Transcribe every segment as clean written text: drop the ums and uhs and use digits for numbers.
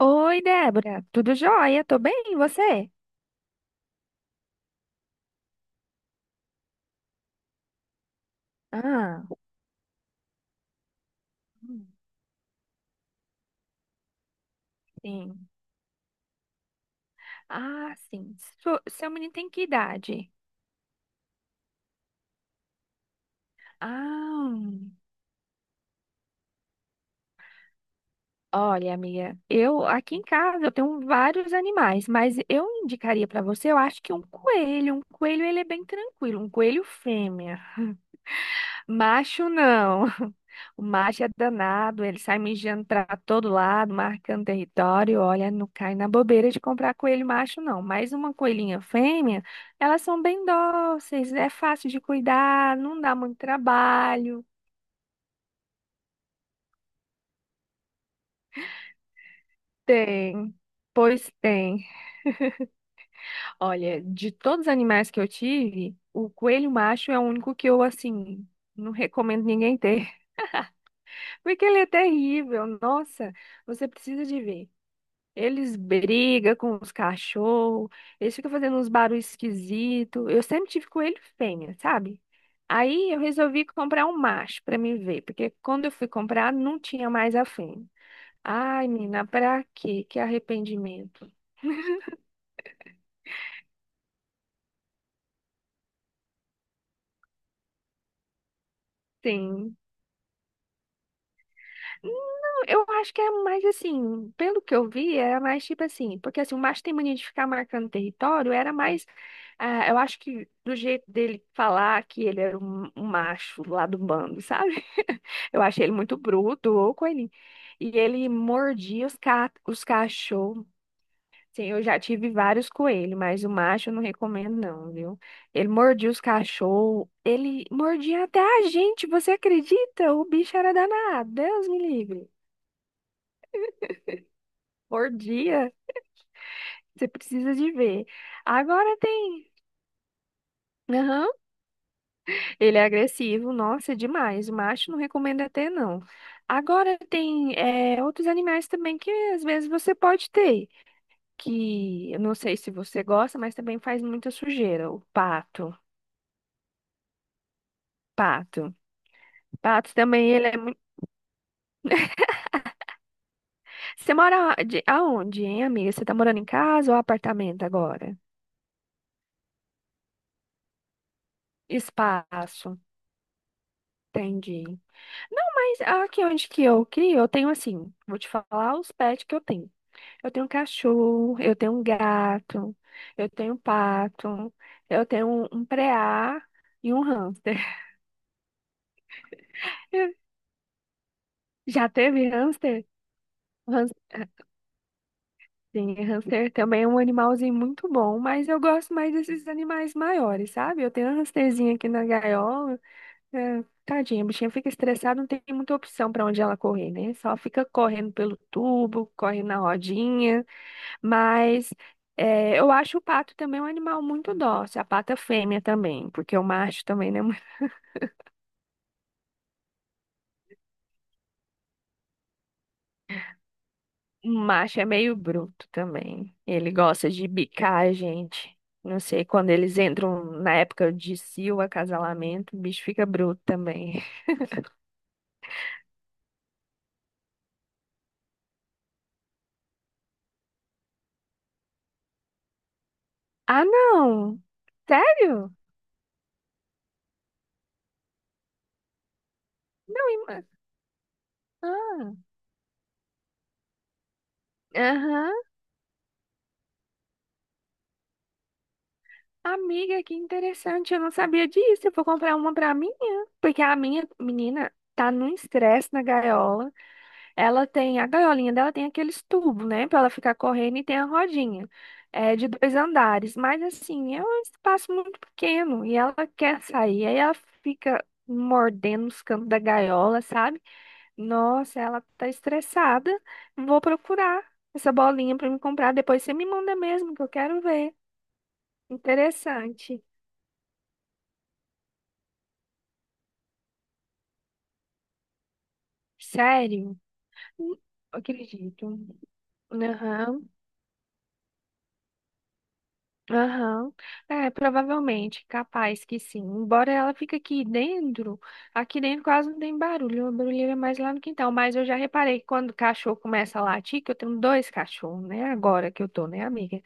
Oi, Débora. Tudo jóia? Tô bem, e você? Ah, hum, sim. Ah, sim. Seu menino tem que idade? Ah. Olha, amiga, eu aqui em casa eu tenho vários animais, mas eu indicaria pra você, eu acho que um coelho. Um coelho, ele é bem tranquilo, um coelho fêmea. Macho não. O macho é danado, ele sai mijando pra todo lado, marcando território. Olha, não cai na bobeira de comprar coelho macho, não. Mas uma coelhinha fêmea, elas são bem dóceis, é fácil de cuidar, não dá muito trabalho. Tem, pois tem. Olha, de todos os animais que eu tive, o coelho macho é o único que eu, assim, não recomendo ninguém ter, porque ele é terrível. Nossa, você precisa de ver. Eles brigam com os cachorros, eles ficam fazendo uns barulhos esquisitos. Eu sempre tive coelho fêmea, sabe? Aí eu resolvi comprar um macho pra me ver, porque quando eu fui comprar não tinha mais a fêmea. Ai, menina, pra quê? Que arrependimento. Sim. Não, eu acho que é mais assim, pelo que eu vi, era mais tipo assim, porque assim, o macho tem mania de ficar marcando território, era mais, ah, eu acho que do jeito dele falar que ele era um, macho lá do bando, sabe? Eu achei ele muito bruto, ô coelhinho. E ele mordia os cachorros. Sim, eu já tive vários coelhos, mas o macho eu não recomendo, não, viu? Ele mordia os cachorros, ele mordia até a gente, você acredita? O bicho era danado, Deus me livre. Mordia, você precisa de ver. Agora tem. Aham. Ele é agressivo, nossa, é demais. O macho não recomendo até, não. Agora tem é, outros animais também que às vezes você pode ter. Que eu não sei se você gosta, mas também faz muita sujeira, o pato. Pato. Pato também, ele é muito. Você mora de- aonde, hein, amiga? Você tá morando em casa ou apartamento agora? Espaço. Entendi. Não, mas aqui onde que eu crio, eu tenho assim, vou te falar os pets que eu tenho. Eu tenho um cachorro, eu tenho um gato, eu tenho um pato, eu tenho um preá e um hamster. Já teve hamster? Hamster? Sim, hamster também é um animalzinho muito bom, mas eu gosto mais desses animais maiores, sabe? Eu tenho uma hamsterzinha aqui na gaiola. É, tadinha, a bichinha fica estressada, não tem muita opção para onde ela correr, né? Só fica correndo pelo tubo, corre na rodinha. Mas é, eu acho o pato também um animal muito dócil, a pata fêmea também, porque o macho também, né? O macho é meio bruto também. Ele gosta de bicar a gente. Não sei, quando eles entram na época de cio, acasalamento, o bicho fica bruto também. Ah, não! Sério? Não, Ah, aham. Amiga, que interessante. Eu não sabia disso. Eu vou comprar uma pra minha. Porque a minha menina tá num estresse na gaiola. Ela tem, a gaiolinha dela tem aqueles tubos, né? Pra ela ficar correndo e tem a rodinha. É de dois andares. Mas assim, é um espaço muito pequeno. E ela quer sair. Aí ela fica mordendo os cantos da gaiola, sabe? Nossa, ela tá estressada. Vou procurar essa bolinha pra me comprar. Depois você me manda mesmo, que eu quero ver. Interessante. Sério? Não, acredito. Aham. Aham. É, provavelmente, capaz que sim. Embora ela fique aqui dentro quase não tem barulho, o barulho é mais lá no quintal. Mas eu já reparei que quando o cachorro começa a latir, que eu tenho dois cachorros, né? Agora que eu tô, né, amiga?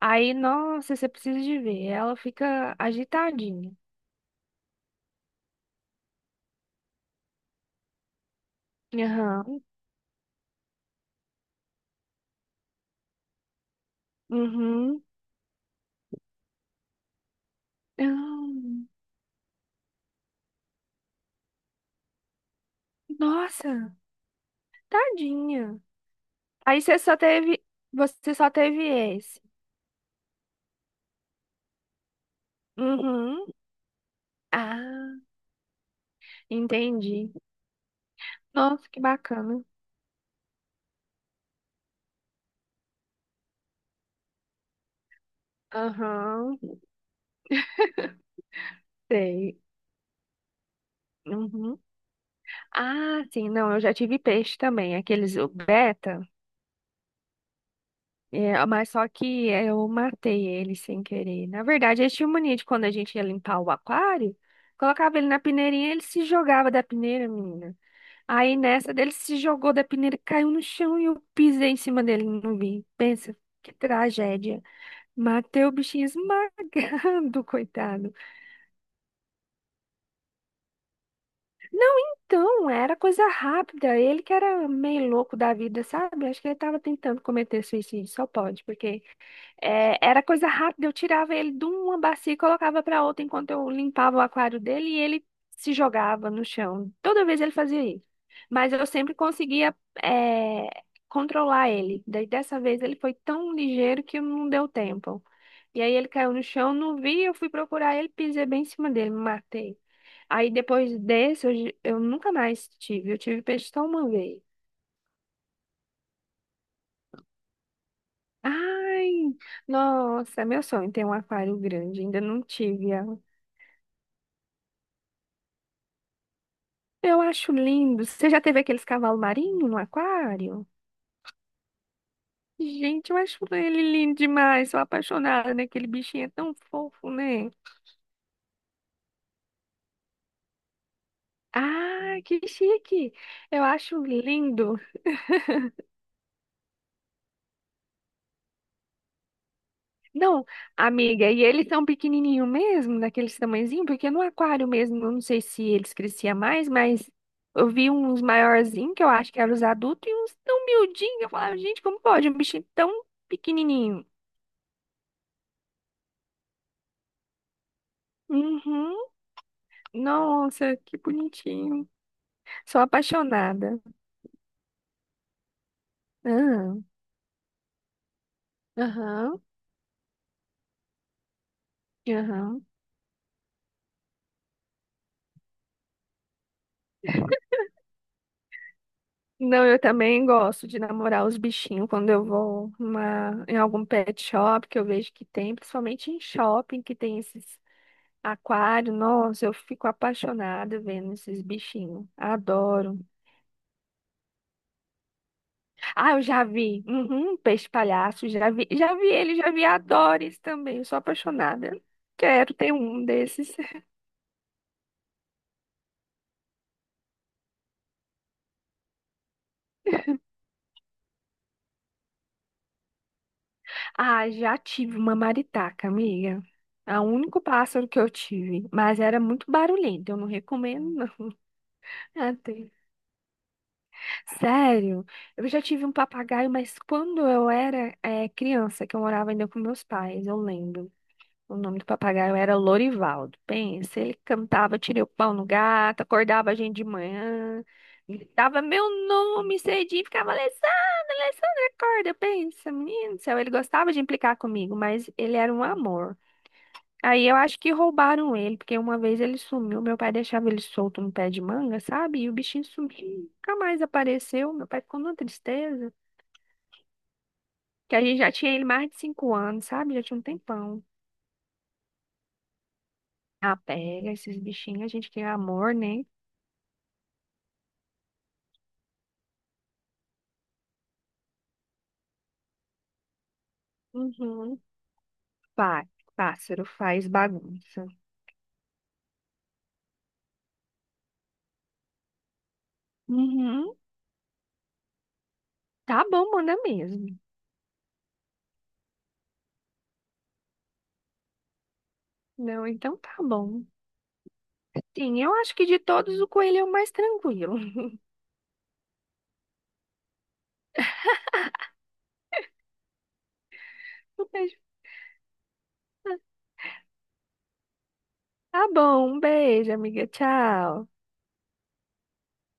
Aí, nossa, você precisa de ver, ela fica agitadinha. Aham. Uhum. Aham. Nossa, tadinha. Aí você só teve, você só teve esse. Uhum. Ah, entendi. Nossa, que bacana. Aham, sei. Uhum. Ah, sim, não, eu já tive peixe também, aqueles o beta, é, mas só que eu matei ele sem querer. Na verdade, eles tinham mania de quando a gente ia limpar o aquário, colocava ele na peneirinha, ele se jogava da peneira, menina. Aí nessa dele se jogou da peneira, caiu no chão e eu pisei em cima dele, não vi. Pensa, que tragédia. Matei o bichinho esmagado, coitado. Então, era coisa rápida. Ele que era meio louco da vida, sabe? Acho que ele estava tentando cometer suicídio, só pode, porque é, era coisa rápida, eu tirava ele de uma bacia e colocava para outra enquanto eu limpava o aquário dele e ele se jogava no chão. Toda vez ele fazia isso. Mas eu sempre conseguia, é, controlar ele. Daí dessa vez ele foi tão ligeiro que não deu tempo. E aí ele caiu no chão, não vi, eu fui procurar ele, pisei bem em cima dele, me matei. Aí depois desse, eu nunca mais tive. Eu tive peixe só uma vez. Ai, nossa, é meu sonho ter um aquário grande. Ainda não tive. Eu acho lindo. Você já teve aqueles cavalos marinhos no aquário? Gente, eu acho ele lindo demais. Sou apaixonada, né? Aquele bichinho é tão fofo, né? Ah, que chique! Eu acho lindo. Não, amiga, e eles são pequenininho mesmo, daqueles tamanhozinho, porque no aquário mesmo, eu não sei se eles cresciam mais, mas eu vi uns maiorzinhos, que eu acho que eram os adultos, e uns tão miudinhos. Eu falava, gente, como pode um bichinho tão pequenininho? Uhum. Nossa, que bonitinho. Sou apaixonada. Ah, aham, aham. Não, eu também gosto de namorar os bichinhos quando eu vou numa- em algum pet shop que eu vejo que tem, principalmente em shopping que tem esses aquários. Nossa, eu fico apaixonada vendo esses bichinhos. Adoro. Ah, eu já vi. Uhum, peixe palhaço, já vi ele, já vi adores também. Eu sou apaixonada. Quero ter um desses. Ah, já tive uma maritaca, amiga. É o único pássaro que eu tive, mas era muito barulhento, eu não recomendo, não. Ah, tem. Sério, eu já tive um papagaio, mas quando eu era criança, que eu morava ainda com meus pais, eu lembro. O nome do papagaio era Lorivaldo. Pensa, ele cantava, tirei o pau no gato, acordava a gente de manhã, gritava meu nome cedinho, ficava Alessandra, Alessandra, acorda. Pensa, menino do céu, ele gostava de implicar comigo, mas ele era um amor. Aí eu acho que roubaram ele, porque uma vez ele sumiu, meu pai deixava ele solto no pé de manga, sabe? E o bichinho sumiu, nunca mais apareceu. Meu pai ficou numa tristeza, que a gente já tinha ele mais de 5 anos, sabe? Já tinha um tempão. Ah, pega esses bichinhos, a gente quer amor, né? Uhum. Pá, Pássaro faz bagunça. Uhum. Tá bom, manda mesmo. Não, então tá bom. Sim, eu acho que de todos o coelho é o mais tranquilo. Um beijo. Tá bom, um beijo, amiga. Tchau.